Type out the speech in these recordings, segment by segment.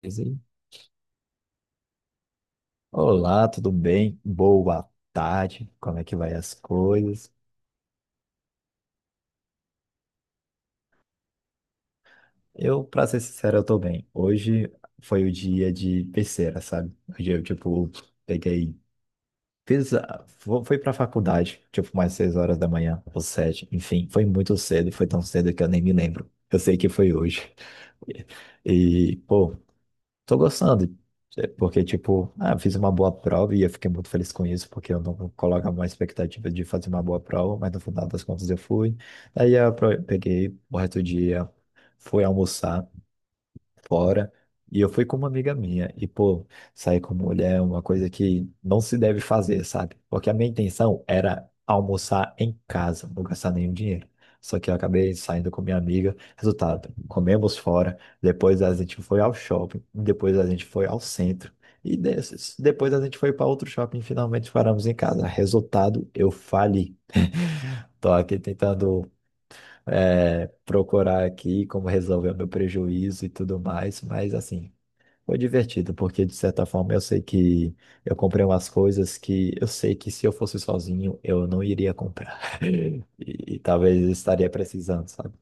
Beleza, hein? Olá, tudo bem? Boa tarde. Como é que vai as coisas? Eu, pra ser sincero, eu tô bem. Hoje foi o dia de terceira, sabe? Hoje eu, tipo, peguei, fiz, fui pra faculdade, tipo, mais 6 horas da manhã, ou 7, enfim, foi muito cedo, foi tão cedo que eu nem me lembro. Eu sei que foi hoje. E, pô, tô gostando. É porque, tipo, ah, eu fiz uma boa prova e eu fiquei muito feliz com isso, porque eu não coloco uma expectativa de fazer uma boa prova, mas no final das contas eu fui. Aí eu peguei o resto do dia, fui almoçar fora. E eu fui com uma amiga minha. E, pô, sair com mulher é uma coisa que não se deve fazer, sabe? Porque a minha intenção era almoçar em casa, não gastar nenhum dinheiro. Só que eu acabei saindo com minha amiga. Resultado, comemos fora. Depois a gente foi ao shopping. Depois a gente foi ao centro. E desses, depois a gente foi para outro shopping e finalmente paramos em casa. Resultado, eu fali. Tô aqui tentando procurar aqui como resolver o meu prejuízo e tudo mais, mas assim, foi divertido, porque de certa forma eu sei que eu comprei umas coisas que eu sei que se eu fosse sozinho eu não iria comprar. E talvez eu estaria precisando, sabe?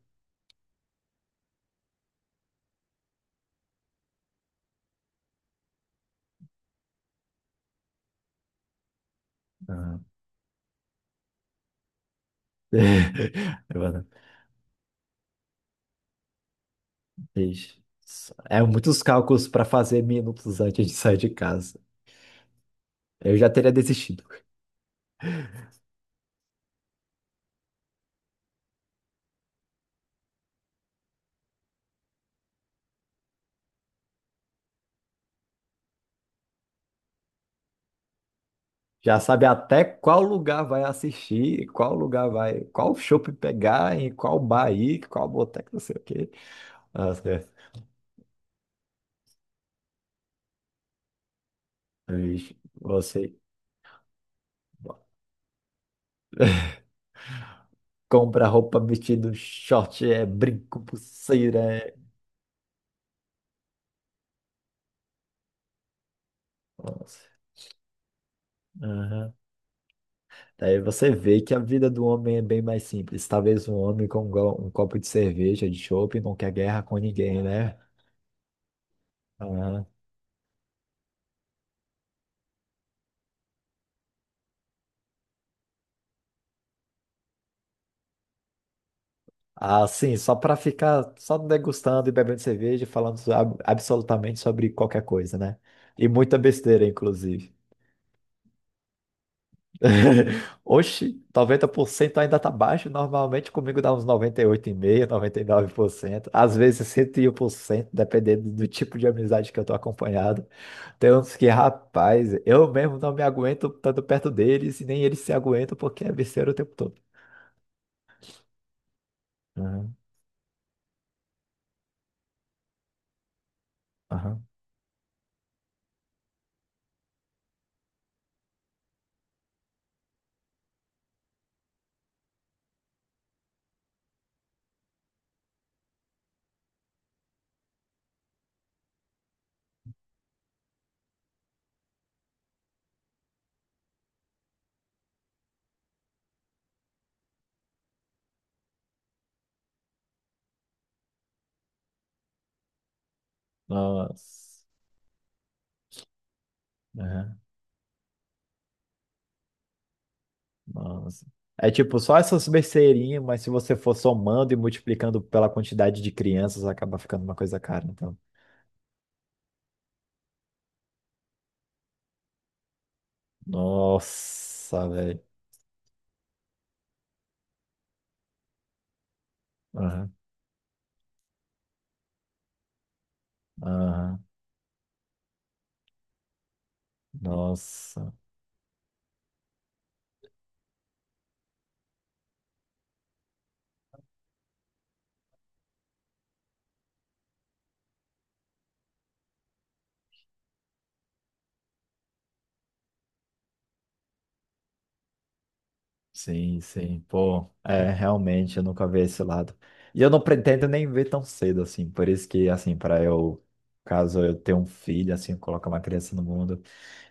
Ah. Eu falo: "Ixi, é muitos cálculos para fazer minutos antes de sair de casa. Eu já teria desistido. Já sabe até qual lugar vai assistir, qual lugar vai, qual shopping pegar, em qual bar ir, qual boteca, não sei o quê. Nossa, ixi, você. Compra roupa, vestido, short, brinco, pulseira. É... Nossa." Aham. Daí você vê que a vida do homem é bem mais simples. Talvez um homem com um copo de cerveja, de chopp, não quer guerra com ninguém, né? Aham. Ah, sim, só para ficar só degustando e bebendo cerveja, e falando absolutamente sobre qualquer coisa, né? E muita besteira, inclusive. Oxi, 90% ainda tá baixo. Normalmente comigo dá uns noventa e oito vírgula cinco por cento, 99%. Às vezes 101%, dependendo do tipo de amizade que eu tô acompanhado. Tem uns que, rapaz, eu mesmo não me aguento tanto perto deles e nem eles se aguentam porque é besteira o tempo todo. Aham, aham. Nossa, aham, nossa. É tipo só essas besteirinhas, mas se você for somando e multiplicando pela quantidade de crianças, acaba ficando uma coisa cara. Então, nossa, velho. Aham, aham. Nossa. Sim, sim, pô, é, realmente, eu nunca vi esse lado. E eu não pretendo nem ver tão cedo, assim, por isso que, assim, para eu, caso eu tenha um filho, assim, colocar uma criança no mundo,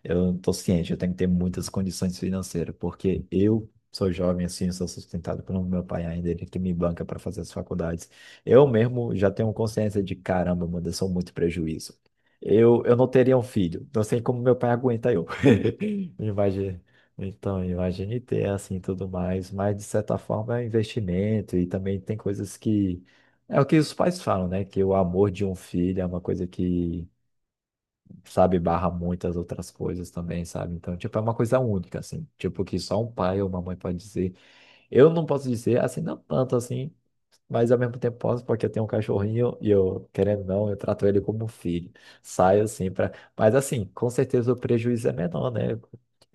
eu tô ciente, eu tenho que ter muitas condições financeiras, porque eu sou jovem, assim, sou sustentado pelo meu pai ainda, ele que me banca para fazer as faculdades. Eu mesmo já tenho consciência de, caramba, mano, eu sou muito prejuízo. Eu não teria um filho, não sei como meu pai aguenta eu. Imagina. Então, imagine ter assim tudo mais, mas de certa forma é um investimento e também tem coisas que é o que os pais falam, né? Que o amor de um filho é uma coisa que, sabe, barra muitas outras coisas também, sabe? Então, tipo, é uma coisa única, assim, tipo, que só um pai ou uma mãe pode dizer. Eu não posso dizer, assim, não tanto assim, mas ao mesmo tempo posso, porque eu tenho um cachorrinho e eu, querendo ou não, eu trato ele como um filho. Saio assim pra. Mas assim, com certeza o prejuízo é menor, né?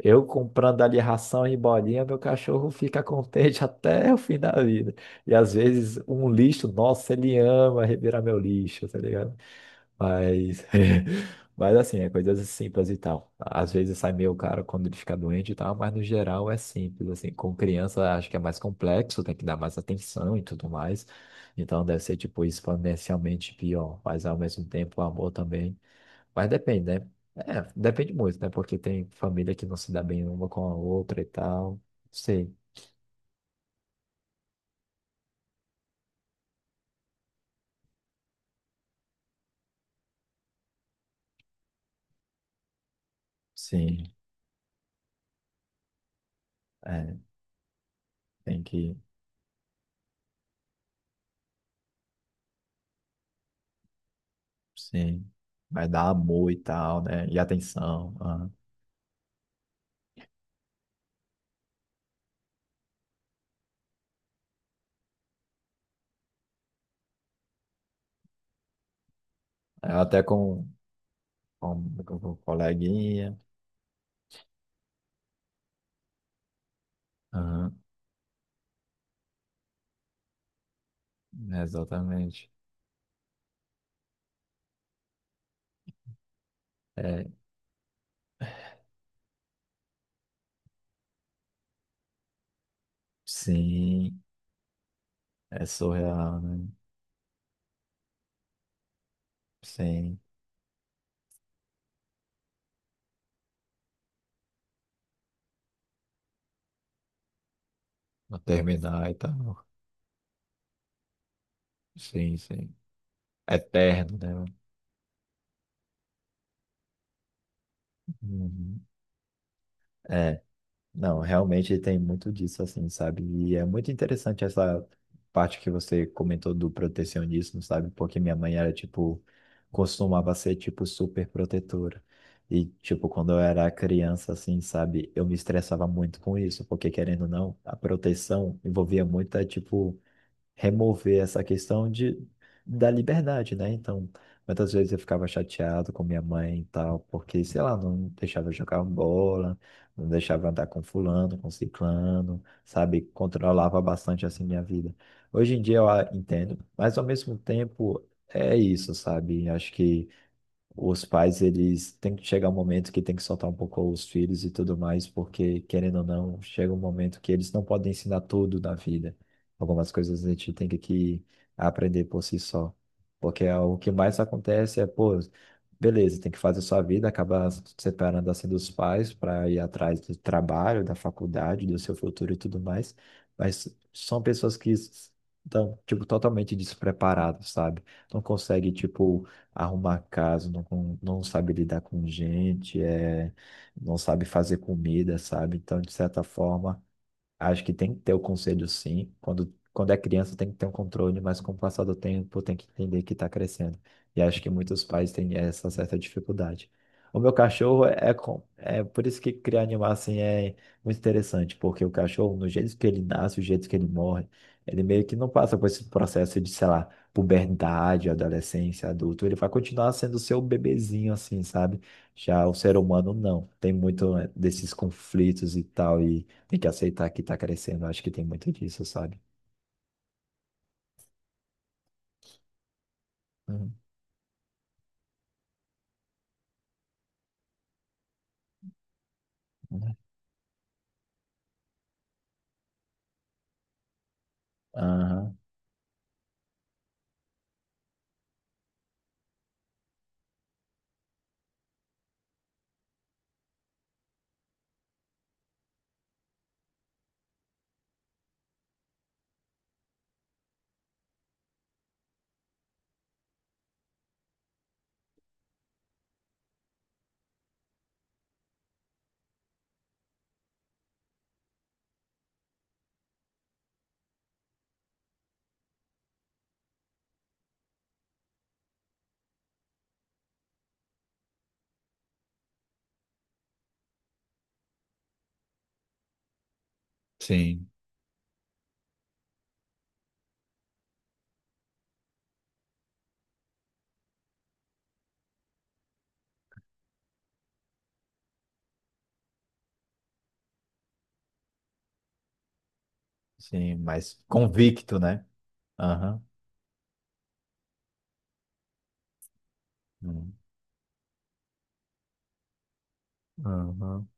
Eu comprando ali ração e bolinha, meu cachorro fica contente até o fim da vida. E às vezes um lixo, nossa, ele ama revirar meu lixo, tá ligado? Mas, mas assim, é coisas simples e tal. Às vezes sai meio caro quando ele fica doente e tal, mas no geral é simples, assim. Com criança acho que é mais complexo, tem que dar mais atenção e tudo mais. Então deve ser, tipo, exponencialmente pior. Mas ao mesmo tempo, o amor também. Mas depende, né? É, depende muito, né? Porque tem família que não se dá bem uma com a outra e tal. Sei. Sim, é, tem que, sim, vai dar amor e tal, né? E atenção. Aham. É, até com coleguinha. Aham, exatamente. É, sim, é surreal, né? Sim, não terminar e tal. Sim, sim. Eterno, né? Uhum. Não, realmente tem muito disso, assim, sabe? E é muito interessante essa parte que você comentou do protecionismo, sabe? Porque minha mãe era, tipo, costumava ser, tipo, super protetora. E, tipo, quando eu era criança, assim, sabe? Eu me estressava muito com isso, porque, querendo ou não, a proteção envolvia muita, tipo, remover essa questão de, da liberdade, né? Então, muitas vezes eu ficava chateado com minha mãe e tal, porque, sei lá, não deixava eu jogar bola, não deixava eu andar com fulano, com ciclano, sabe? Controlava bastante, assim, minha vida. Hoje em dia eu entendo, mas ao mesmo tempo é isso, sabe? Acho que os pais, eles têm que chegar um momento que tem que soltar um pouco os filhos e tudo mais, porque, querendo ou não, chega um momento que eles não podem ensinar tudo na vida. Algumas coisas a gente tem que aprender por si só. Porque é o que mais acontece é, pô, beleza, tem que fazer sua vida, acabar se separando assim dos pais para ir atrás do trabalho, da faculdade, do seu futuro e tudo mais. Mas são pessoas que estão, tipo, totalmente despreparadas, sabe? Não consegue, tipo, arrumar casa, não, não sabe lidar com gente, é, não sabe fazer comida, sabe? Então, de certa forma. Acho que tem que ter o conselho, sim. Quando, quando é criança, tem que ter um controle, mas com o passar do tempo, tem que entender que está crescendo. E acho que muitos pais têm essa certa dificuldade. O meu cachorro é é por isso que criar animal assim é muito interessante, porque o cachorro, no jeito que ele nasce, o jeito que ele morre, ele meio que não passa por esse processo de, sei lá, puberdade, adolescência, adulto. Ele vai continuar sendo seu bebezinho, assim, sabe? Já o ser humano não. Tem muito né, desses conflitos e tal. E tem que aceitar que tá crescendo. Acho que tem muito disso, sabe? Uhum. Uhum. Aham. Sim, sim, mas convicto, né? Aham. Uhum, aham.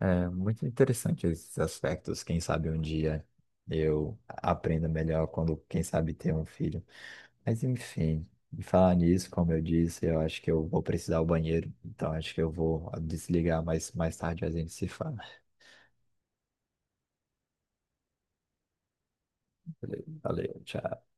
É muito interessante esses aspectos. Quem sabe um dia eu aprenda melhor quando, quem sabe, ter um filho. Mas enfim, em falar nisso, como eu disse, eu acho que eu vou precisar do banheiro. Então acho que eu vou desligar, mas mais tarde a gente se fala. Valeu, valeu, tchau.